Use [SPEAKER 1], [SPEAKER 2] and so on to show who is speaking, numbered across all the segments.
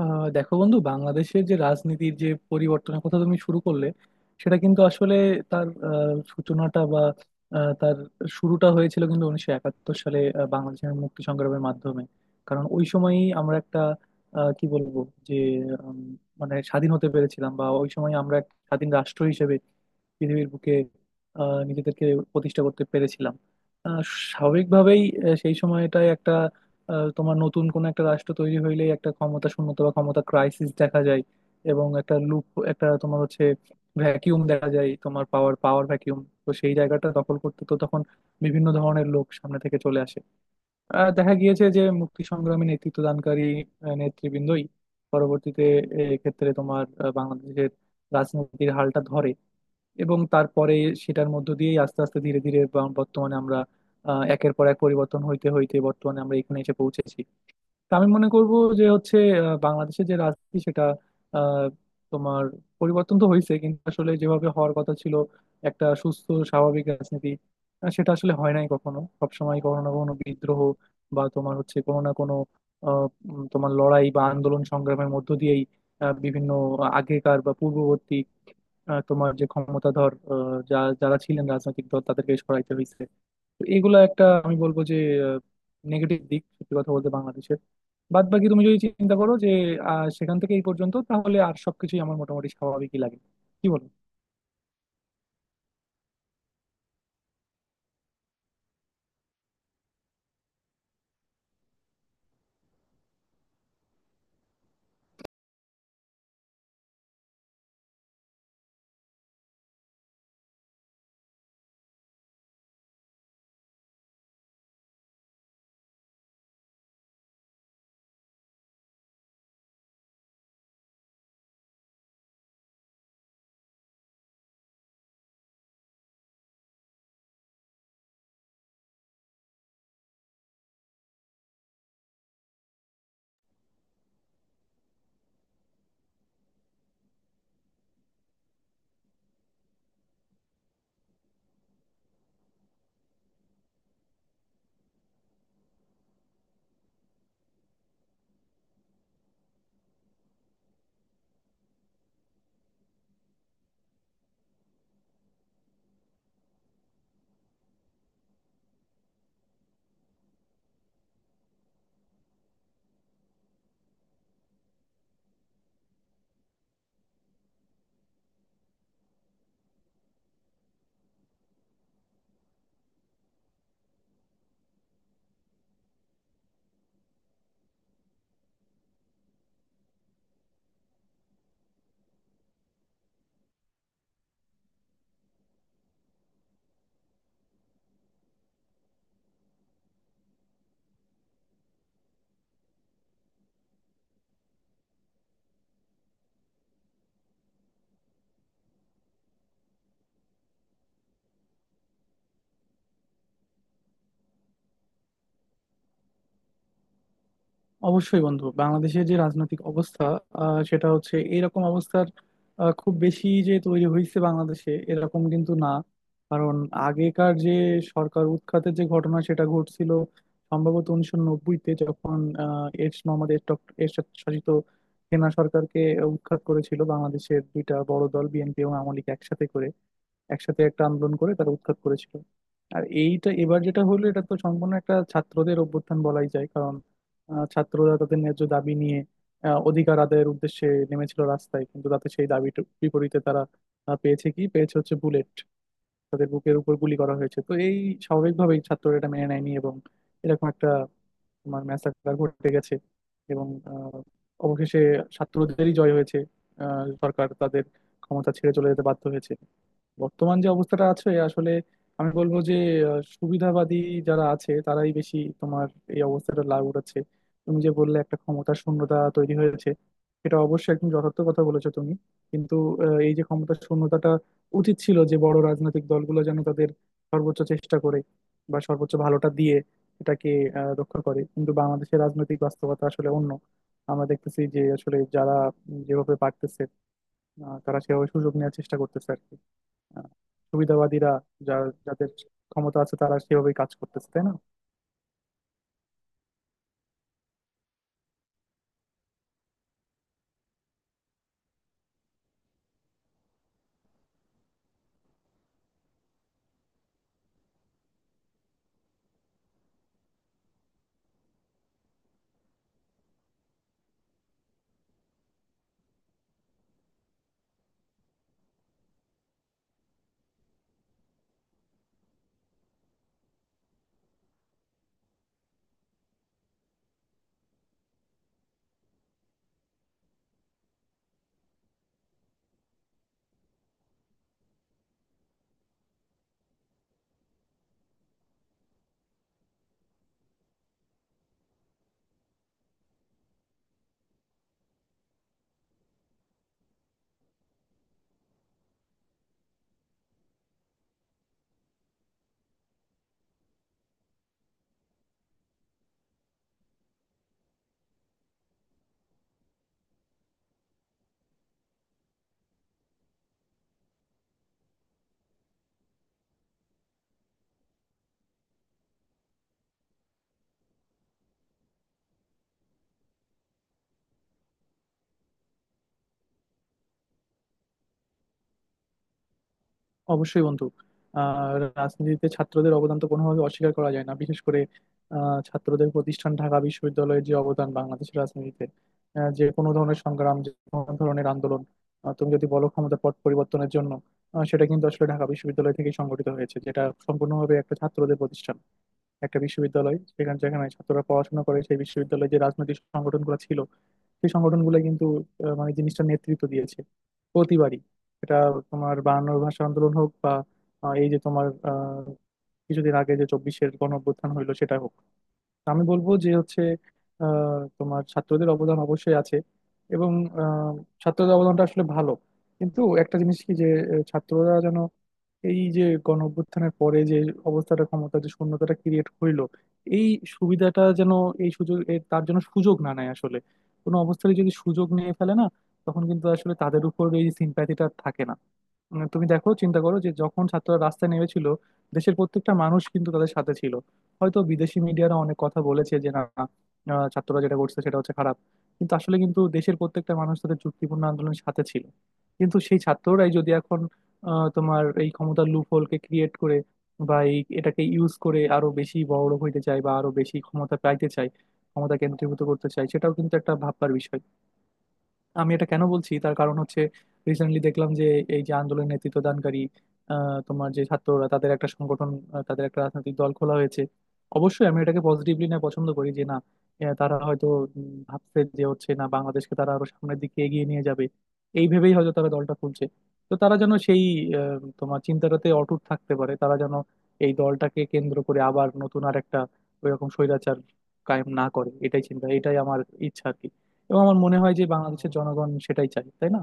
[SPEAKER 1] দেখো বন্ধু, বাংলাদেশের যে রাজনীতির যে পরিবর্তনের কথা তুমি শুরু করলে সেটা কিন্তু আসলে তার সূচনাটা বা তার শুরুটা হয়েছিল কিন্তু 1971 সালে, বাংলাদেশের মুক্তি সংগ্রামের মাধ্যমে। কারণ ওই সময়ই আমরা একটা কি বলবো যে উম, মানে স্বাধীন হতে পেরেছিলাম, বা ওই সময় আমরা এক স্বাধীন রাষ্ট্র হিসেবে পৃথিবীর বুকে নিজেদেরকে প্রতিষ্ঠা করতে পেরেছিলাম। আহ, স্বাভাবিকভাবেই সেই সময়টায় একটা তোমার নতুন কোন একটা রাষ্ট্র তৈরি হইলেই একটা ক্ষমতা শূন্যতা বা ক্ষমতা ক্রাইসিস দেখা যায়, এবং একটা লুপ একটা তোমার হচ্ছে ভ্যাকিউম দেখা যায়, তোমার পাওয়ার পাওয়ার ভ্যাকিউম। তো সেই জায়গাটা দখল করতে তো তখন বিভিন্ন ধরনের লোক সামনে থেকে চলে আসে। দেখা গিয়েছে যে মুক্তি সংগ্রামে নেতৃত্ব দানকারী নেতৃবৃন্দই পরবর্তীতে ক্ষেত্রে তোমার বাংলাদেশের রাজনীতির হালটা ধরে, এবং তারপরে সেটার মধ্য দিয়েই আস্তে আস্তে ধীরে ধীরে বর্তমানে আমরা একের পর এক পরিবর্তন হইতে হইতে বর্তমানে আমরা এখানে এসে পৌঁছেছি। তা আমি মনে করব যে হচ্ছে বাংলাদেশের যে রাজনীতি সেটা আহ, তোমার পরিবর্তন তো হয়েছে, কিন্তু আসলে যেভাবে হওয়ার কথা ছিল একটা সুস্থ স্বাভাবিক রাজনীতি, সেটা আসলে হয় নাই। কখনো সবসময় কখনো না কখনো বিদ্রোহ বা তোমার হচ্ছে কোনো না কোনো আহ, তোমার লড়াই বা আন্দোলন সংগ্রামের মধ্য দিয়েই বিভিন্ন আগেকার বা পূর্ববর্তী তোমার যে ক্ষমতাধর যারা ছিলেন রাজনৈতিক দল তাদেরকে সরাইতে হয়েছে। তো এগুলো একটা আমি বলবো যে নেগেটিভ দিক, সত্যি কথা বলতে বাংলাদেশের। বাদ বাকি তুমি যদি চিন্তা করো যে সেখান থেকে এই পর্যন্ত, তাহলে আর সবকিছুই আমার মোটামুটি স্বাভাবিকই লাগে। কি বলো? অবশ্যই বন্ধু, বাংলাদেশের যে রাজনৈতিক অবস্থা, সেটা হচ্ছে এরকম অবস্থার খুব বেশি যে তৈরি হয়েছে বাংলাদেশে এরকম কিন্তু না। কারণ আগেকার যে সরকার উৎখাতের যে ঘটনা সেটা ঘটছিল সম্ভবত 1990-তে, যখন মোহাম্মদ এরশাদ শাসিত সেনা সরকারকে উৎখাত করেছিল বাংলাদেশের দুইটা বড় দল বিএনপি এবং আওয়ামী লীগ একসাথে করে, একসাথে একটা আন্দোলন করে তারা উৎখাত করেছিল। আর এইটা এবার যেটা হলো, এটা তো সম্পূর্ণ একটা ছাত্রদের অভ্যুত্থান বলাই যায়। ছাত্ররা তাদের ন্যায্য দাবি নিয়ে, অধিকার আদায়ের উদ্দেশ্যে নেমেছিল রাস্তায়, কিন্তু তাতে সেই দাবিটা বিপরীতে তারা পেয়েছে, কি পেয়েছে, হচ্ছে বুলেট। তাদের বুকের উপর গুলি করা হয়েছে। তো এই স্বাভাবিকভাবেই ছাত্ররা এটা মেনে নেয়নি, এবং এরকম একটা তোমার ম্যাসাকার ঘটে গেছে, এবং অবশেষে ছাত্রদেরই জয় হয়েছে। সরকার তাদের ক্ষমতা ছেড়ে চলে যেতে বাধ্য হয়েছে। বর্তমান যে অবস্থাটা আছে আসলে, আমি বলবো যে সুবিধাবাদী যারা আছে তারাই বেশি তোমার এই অবস্থাটা লাভ উঠাচ্ছে। তুমি যে বললে একটা ক্ষমতার শূন্যতা তৈরি হয়েছে, এটা অবশ্যই একদম যথার্থ কথা বলেছো তুমি। কিন্তু এই যে ক্ষমতার শূন্যতাটা, উচিত ছিল যে বড় রাজনৈতিক দলগুলো যেন তাদের সর্বোচ্চ চেষ্টা করে বা সর্বোচ্চ ভালোটা দিয়ে এটাকে রক্ষা করে, কিন্তু বাংলাদেশের রাজনৈতিক বাস্তবতা আসলে অন্য। আমরা দেখতেছি যে আসলে যারা যেভাবে পারতেছে তারা সেভাবে সুযোগ নেওয়ার চেষ্টা করতেছে আর কি। আহ, সুবিধাবাদীরা, যা যাদের ক্ষমতা আছে তারা সেভাবেই কাজ করতেছে, তাই না? অবশ্যই বন্ধু, আহ রাজনীতিতে ছাত্রদের অবদান তো কোনোভাবে অস্বীকার করা যায় না। বিশেষ করে ছাত্রদের প্রতিষ্ঠান ঢাকা বিশ্ববিদ্যালয়ের যে অবদান বাংলাদেশের রাজনীতিতে, যে কোনো ধরনের সংগ্রাম যে কোনো ধরনের আন্দোলন, তুমি যদি বলো ক্ষমতার পট পরিবর্তনের জন্য, সেটা কিন্তু আসলে ঢাকা বিশ্ববিদ্যালয় থেকেই সংগঠিত হয়েছে, যেটা সম্পূর্ণভাবে একটা ছাত্রদের প্রতিষ্ঠান, একটা বিশ্ববিদ্যালয়। সেখানে যেখানে ছাত্ররা পড়াশোনা করে, সেই বিশ্ববিদ্যালয়ে যে রাজনৈতিক সংগঠনগুলো ছিল, সেই সংগঠনগুলো কিন্তু মানে জিনিসটা নেতৃত্ব দিয়েছে প্রতিবারই। এটা তোমার 52-র ভাষা আন্দোলন হোক, বা এই যে তোমার কিছুদিন আগে যে 24-এর গণ অভ্যুত্থান হইলো সেটা হোক। আমি বলবো যে হচ্ছে তোমার ছাত্রদের অবদান অবশ্যই আছে, এবং আহ, ছাত্রদের অবদানটা আসলে ভালো। কিন্তু একটা জিনিস কি যে ছাত্ররা যেন এই যে গণ অভ্যুত্থানের পরে যে অবস্থাটা, ক্ষমতা যে শূন্যতাটা ক্রিয়েট হইলো, এই সুবিধাটা যেন এই সুযোগ তার জন্য সুযোগ না নেয় আসলে। কোনো অবস্থায় যদি সুযোগ নিয়ে ফেলে না, তখন কিন্তু আসলে তাদের উপর এই সিম্প্যাথিটা থাকে না। তুমি দেখো, চিন্তা করো যে যখন ছাত্ররা রাস্তায় নেমেছিল দেশের প্রত্যেকটা মানুষ কিন্তু তাদের সাথে ছিল। হয়তো বিদেশি মিডিয়ারা অনেক কথা বলেছে যে না, ছাত্ররা যেটা করছে সেটা হচ্ছে খারাপ, কিন্তু আসলে কিন্তু দেশের প্রত্যেকটা মানুষ তাদের চুক্তিপূর্ণ আন্দোলনের সাথে ছিল। কিন্তু সেই ছাত্ররাই যদি এখন তোমার এই ক্ষমতার লুপ হোলকে ক্রিয়েট করে, বা এই এটাকে ইউজ করে আরো বেশি বড় হইতে চায় বা আরো বেশি ক্ষমতা পাইতে চায়, ক্ষমতা কেন্দ্রীভূত করতে চায়, সেটাও কিন্তু একটা ভাববার বিষয়। আমি এটা কেন বলছি তার কারণ হচ্ছে, রিসেন্টলি দেখলাম যে এই যে আন্দোলনের নেতৃত্ব দানকারী তোমার যে ছাত্ররা, তাদের একটা সংগঠন, তাদের একটা রাজনৈতিক দল খোলা হয়েছে। অবশ্যই আমি এটাকে পজিটিভলি না পছন্দ করি যে না, তারা হয়তো ভাবছে যে হচ্ছে না বাংলাদেশকে তারা আরো সামনের দিকে এগিয়ে নিয়ে যাবে, এই ভেবেই হয়তো তারা দলটা খুলছে। তো তারা যেন সেই তোমার চিন্তাটাতে অটুট থাকতে পারে, তারা যেন এই দলটাকে কেন্দ্র করে আবার নতুন আর একটা ওইরকম স্বৈরাচার কায়েম না করে, এটাই চিন্তা, এটাই আমার ইচ্ছা আর কি। এবং আমার মনে হয় যে বাংলাদেশের জনগণ সেটাই চায়, তাই না?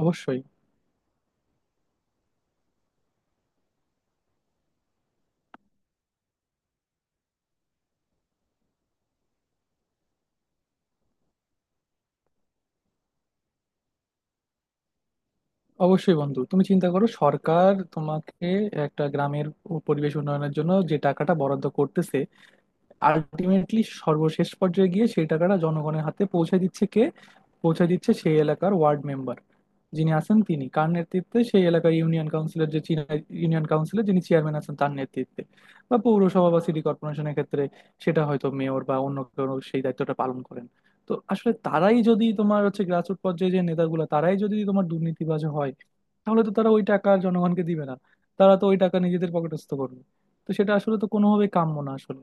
[SPEAKER 1] অবশ্যই। অবশ্যই বন্ধু, তুমি চিন্তা করো সরকার তোমাকে একটা গ্রামের ও পরিবেশ উন্নয়নের জন্য যে টাকাটা বরাদ্দ করতেছে, আলটিমেটলি সর্বশেষ পর্যায়ে গিয়ে সেই টাকাটা জনগণের হাতে পৌঁছে দিচ্ছে কে? পৌঁছে দিচ্ছে সেই এলাকার ওয়ার্ড মেম্বার যিনি আছেন, তিনি কার নেতৃত্বে? সেই এলাকার ইউনিয়ন কাউন্সিলের ইউনিয়ন কাউন্সিলের যিনি চেয়ারম্যান আছেন তার নেতৃত্বে। বা পৌরসভা বা সিটি কর্পোরেশনের ক্ষেত্রে সেটা হয়তো মেয়র বা অন্য কেউ সেই দায়িত্বটা পালন করেন। তো আসলে তারাই যদি তোমার হচ্ছে গ্রাসরুট পর্যায়ে যে নেতাগুলো, তারাই যদি তোমার দুর্নীতিবাজ হয়, তাহলে তো তারা ওই টাকা আর জনগণকে দিবে না, তারা তো ওই টাকা নিজেদের পকেটস্থ করবে। তো সেটা আসলে তো কোনোভাবেই কাম্য না আসলে।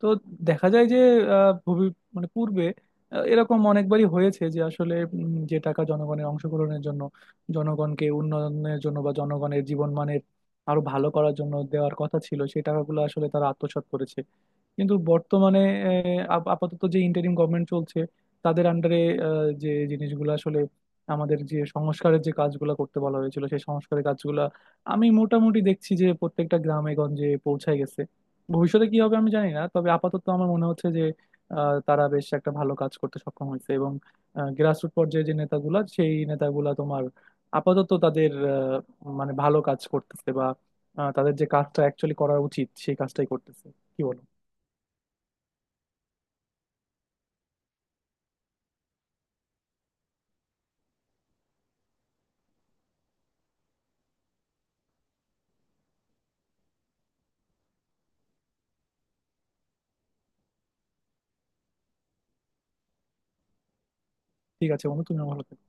[SPEAKER 1] তো দেখা যায় যে আহ, ভবি মানে পূর্বে এরকম অনেকবারই হয়েছে যে আসলে যে টাকা জনগণের অংশগ্রহণের জন্য, জনগণকে উন্নয়নের জন্য বা জনগণের জীবনমানের আরো ভালো করার জন্য দেওয়ার কথা ছিল, সেই টাকাগুলো আসলে তারা আত্মসাৎ করেছে। কিন্তু বর্তমানে আপাতত যে ইন্টারিম গভর্নমেন্ট চলছে, তাদের আন্ডারে যে জিনিসগুলো আসলে আমাদের যে সংস্কারের যে কাজগুলো করতে বলা হয়েছিল সেই সংস্কারের কাজগুলো আমি মোটামুটি দেখছি যে প্রত্যেকটা গ্রামে গঞ্জে পৌঁছায় গেছে। ভবিষ্যতে কি হবে আমি জানি না, তবে আপাতত আমার মনে হচ্ছে যে তারা বেশ একটা ভালো কাজ করতে সক্ষম হয়েছে, এবং গ্রাসরুট পর্যায়ে যে নেতাগুলা সেই নেতাগুলা তোমার আপাতত তাদের মানে ভালো কাজ করতেছে, বা তাদের যে কাজটা অ্যাকচুয়ালি করা উচিত সেই কাজটাই করতেছে। কি বলো? ঠিক আছে বন্ধু, তুমিও ভালো থেকো।